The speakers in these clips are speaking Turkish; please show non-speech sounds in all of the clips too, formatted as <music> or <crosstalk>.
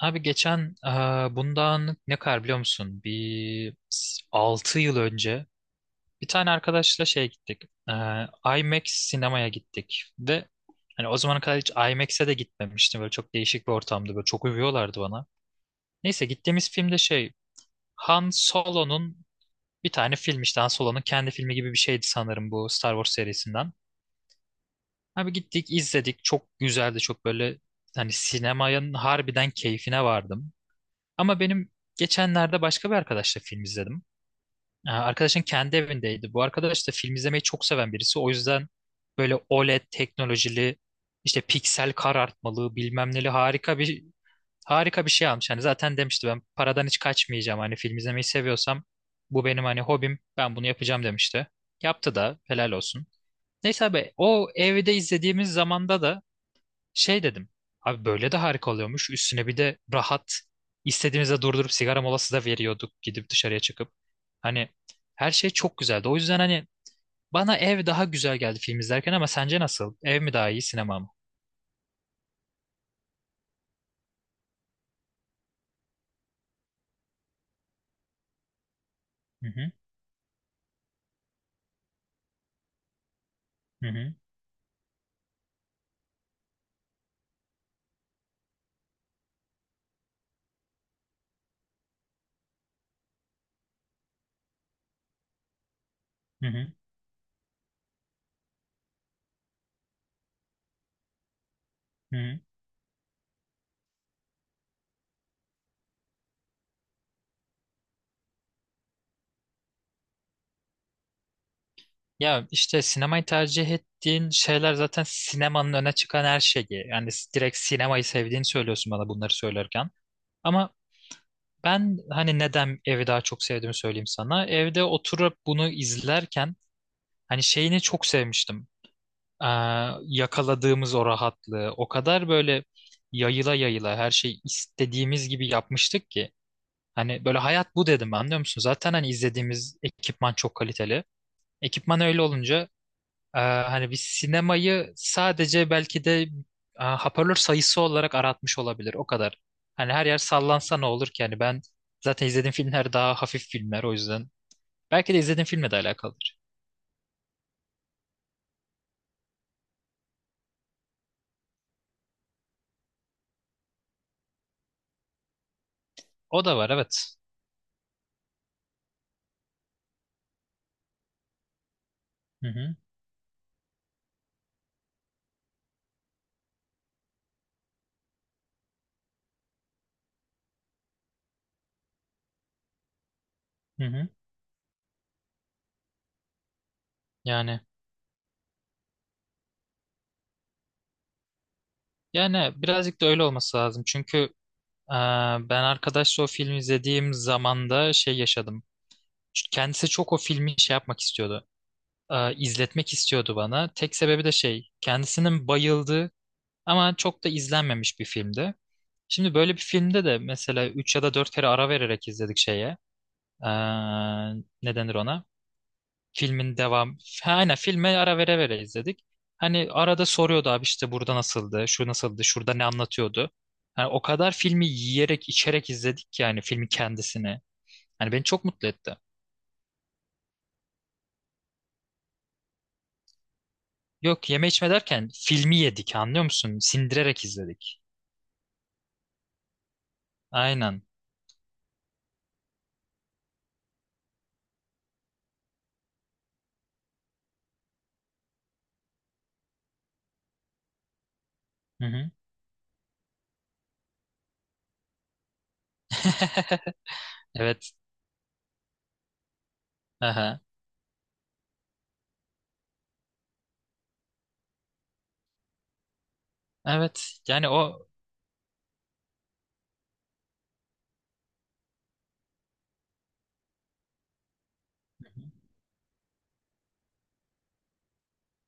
Abi geçen bundan ne kadar biliyor musun? Bir 6 yıl önce bir tane arkadaşla şeye gittik. E, IMAX sinemaya gittik. Ve hani o zamana kadar hiç IMAX'e de gitmemiştim. Böyle çok değişik bir ortamdı. Böyle çok övüyorlardı bana. Neyse gittiğimiz film de şey Han Solo'nun bir tane film, işte Han Solo'nun kendi filmi gibi bir şeydi sanırım, bu Star Wars serisinden. Abi gittik izledik. Çok güzeldi. Çok böyle hani sinemanın harbiden keyfine vardım. Ama benim geçenlerde başka bir arkadaşla film izledim. Arkadaşın kendi evindeydi. Bu arkadaş da film izlemeyi çok seven birisi. O yüzden böyle OLED teknolojili işte piksel karartmalı bilmem neli harika bir şey almış. Hani zaten demişti, ben paradan hiç kaçmayacağım. Hani film izlemeyi seviyorsam bu benim hani hobim. Ben bunu yapacağım demişti. Yaptı da helal olsun. Neyse abi o evde izlediğimiz zamanda da şey dedim. Abi böyle de harika oluyormuş. Üstüne bir de rahat. İstediğimizde durdurup sigara molası da veriyorduk gidip dışarıya çıkıp. Hani her şey çok güzeldi. O yüzden hani bana ev daha güzel geldi film izlerken, ama sence nasıl? Ev mi daha iyi sinema mı? Hı hı, hı hı, hı hı, hı hı. Ya işte sinemayı tercih ettiğin şeyler zaten sinemanın öne çıkan her şeyi. Yani direkt sinemayı sevdiğini söylüyorsun bana bunları söylerken. Ama ben hani neden evi daha çok sevdiğimi söyleyeyim sana. Evde oturup bunu izlerken hani şeyini çok sevmiştim. Ee, yakaladığımız o rahatlığı. O kadar böyle yayıla yayıla her şey istediğimiz gibi yapmıştık ki. Hani böyle hayat bu dedim, anlıyor musun? Zaten hani izlediğimiz ekipman çok kaliteli. Ekipman öyle olunca hani biz sinemayı sadece belki de hoparlör sayısı olarak aratmış olabilir. O kadar. Hani her yer sallansa ne olur ki? Hani ben zaten izlediğim filmler daha hafif filmler o yüzden. Belki de izlediğim filmle de alakalıdır. O da var evet. Hı hı. Hı hı. Yani yani birazcık da öyle olması lazım. Çünkü e, ben arkadaşla o filmi izlediğim zamanda şey yaşadım. Çünkü kendisi çok o filmi şey yapmak istiyordu. E, izletmek istiyordu bana. Tek sebebi de şey, kendisinin bayıldığı ama çok da izlenmemiş bir filmdi. Şimdi böyle bir filmde de mesela 3 ya da 4 kere ara vererek izledik şeye. E, ne denir ona? Filmin devam. Ha, aynen filme ara vere vere izledik. Hani arada soruyordu, abi işte burada nasıldı, şu nasıldı, şurada ne anlatıyordu. Hani o kadar filmi yiyerek içerek izledik ki yani filmi kendisini. Hani beni çok mutlu etti. Yok, yeme içme derken filmi yedik, anlıyor musun? Sindirerek izledik. Aynen. Hı hı. <laughs> Evet. Aha. Evet. Yani o,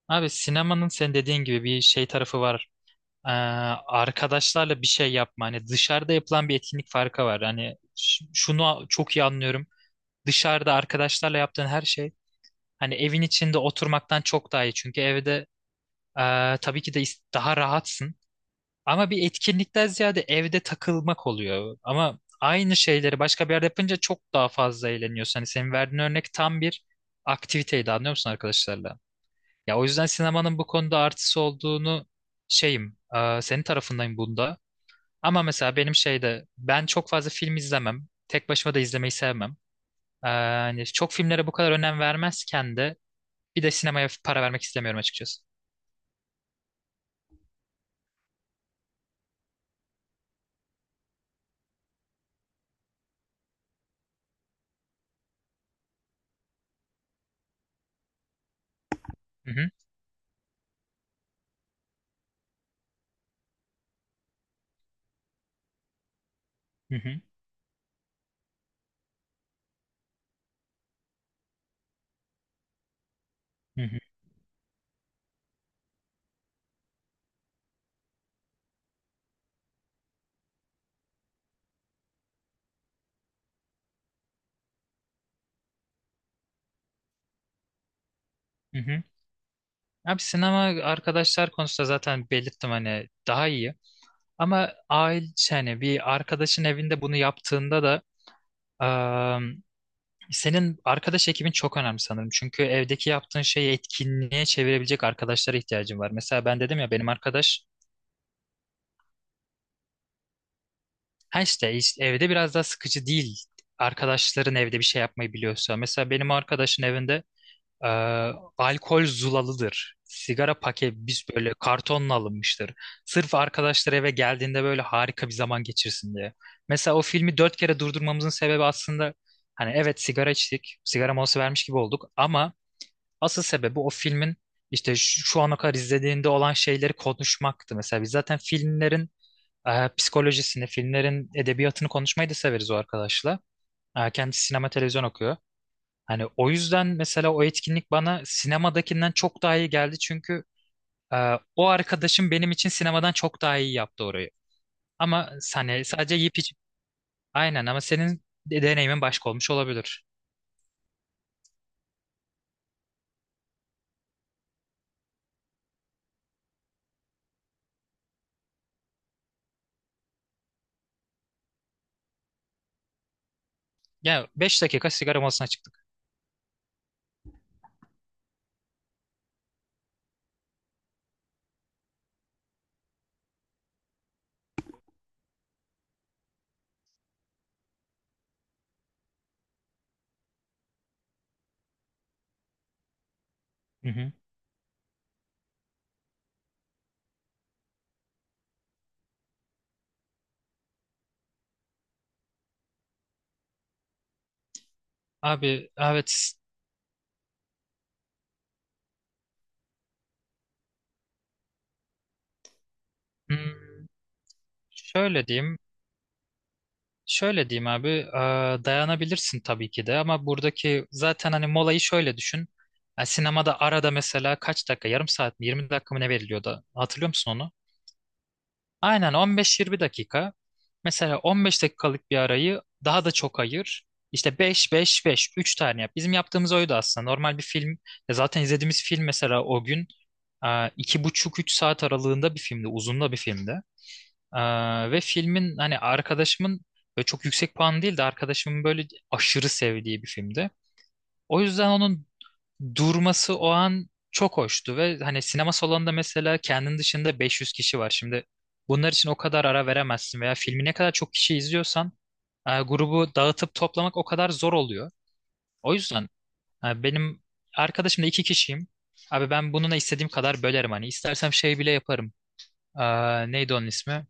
abi sinemanın sen dediğin gibi bir şey tarafı var. e, arkadaşlarla bir şey yapma. Hani dışarıda yapılan bir etkinlik farkı var. Hani şunu çok iyi anlıyorum. Dışarıda arkadaşlarla yaptığın her şey hani evin içinde oturmaktan çok daha iyi. Çünkü evde tabii ki de daha rahatsın. Ama bir etkinlikten ziyade evde takılmak oluyor. Ama aynı şeyleri başka bir yerde yapınca çok daha fazla eğleniyorsun. Hani senin verdiğin örnek tam bir aktiviteydi, anlıyor musun arkadaşlarla? Ya o yüzden sinemanın bu konuda artısı olduğunu şeyim, senin tarafındayım bunda. Ama mesela benim şeyde ben çok fazla film izlemem. Tek başıma da izlemeyi sevmem. Hani çok filmlere bu kadar önem vermezken de bir de sinemaya para vermek istemiyorum açıkçası. Hı hı, hı hı, hı hı, hı hı. Abi sinema arkadaşlar konusunda zaten belirttim hani daha iyi. Ama aile şey hani bir arkadaşın evinde bunu yaptığında da eee, senin arkadaş ekibin çok önemli sanırım. Çünkü evdeki yaptığın şeyi etkinliğe çevirebilecek arkadaşlara ihtiyacın var. Mesela ben dedim ya benim arkadaş. Ha, işte evde biraz daha sıkıcı değil. Arkadaşların evde bir şey yapmayı biliyorsa. Mesela benim arkadaşın evinde e, alkol zulalıdır. Sigara paket biz böyle kartonla alınmıştır. Sırf arkadaşlar eve geldiğinde böyle harika bir zaman geçirsin diye. Mesela o filmi dört kere durdurmamızın sebebi aslında, hani evet, sigara içtik, sigara molası vermiş gibi olduk, ama asıl sebebi o filmin işte şu, şu ana kadar izlediğinde olan şeyleri konuşmaktı. Mesela biz zaten filmlerin psikolojisini, filmlerin edebiyatını konuşmayı da severiz o arkadaşla. Kendisi sinema televizyon okuyor. Hani o yüzden mesela o etkinlik bana sinemadakinden çok daha iyi geldi çünkü e, o arkadaşım benim için sinemadan çok daha iyi yaptı orayı. Ama hani sadece yiyip içip aynen, ama senin deneyimin başka olmuş olabilir. Ya 5 dakika sigara molasına çıktık. Hı hı. Abi evet. hmm, Şöyle diyeyim. Şöyle diyeyim abi, dayanabilirsin tabii ki de, ama buradaki zaten hani molayı şöyle düşün. Yani sinemada arada mesela kaç dakika, yarım saat mi, 20 dakika mı ne veriliyordu? Hatırlıyor musun onu? Aynen 15-20 dakika. Mesela 15 dakikalık bir arayı daha da çok ayır. İşte 5-5-5, 3 tane yap. Bizim yaptığımız oydu aslında. Normal bir film, ya zaten izlediğimiz film mesela o gün 2,5-3 saat aralığında bir filmdi, uzun da bir filmdi. Ve filmin hani arkadaşımın böyle çok yüksek puan değil de arkadaşımın böyle aşırı sevdiği bir filmdi. O yüzden onun durması o an çok hoştu ve hani sinema salonunda mesela kendin dışında 500 kişi var. Şimdi bunlar için o kadar ara veremezsin veya filmi ne kadar çok kişi izliyorsan grubu dağıtıp toplamak o kadar zor oluyor. O yüzden benim arkadaşımla iki kişiyim. Abi ben bununla istediğim kadar bölerim, hani istersem şey bile yaparım. Neydi onun ismi?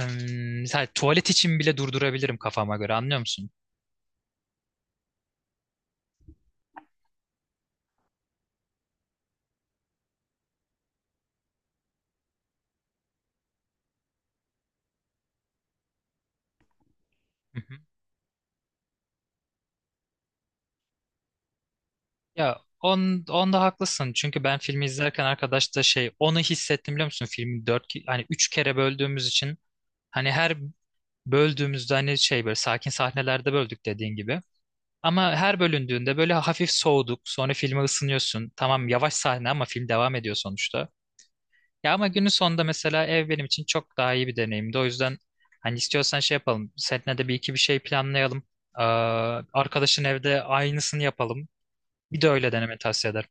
Mesela tuvalet için bile durdurabilirim kafama göre, anlıyor musun? Hı hı. Ya onda haklısın çünkü ben filmi izlerken arkadaş da şey, onu hissettim, biliyor musun? Filmi hani üç kere böldüğümüz için hani her böldüğümüzde hani şey böyle sakin sahnelerde böldük dediğin gibi. Ama her bölündüğünde böyle hafif soğuduk, sonra filme ısınıyorsun. Tamam yavaş sahne ama film devam ediyor sonuçta. Ya ama günün sonunda mesela ev benim için çok daha iyi bir deneyimdi. O yüzden hani istiyorsan şey yapalım. Seninle de bir iki bir şey planlayalım. Ee, arkadaşın evde aynısını yapalım. Bir de öyle deneme tavsiye ederim.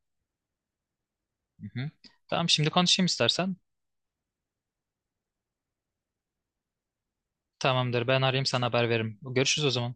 Hı hı. Tamam şimdi konuşayım istersen. Tamamdır, ben arayayım sana haber veririm. Görüşürüz o zaman.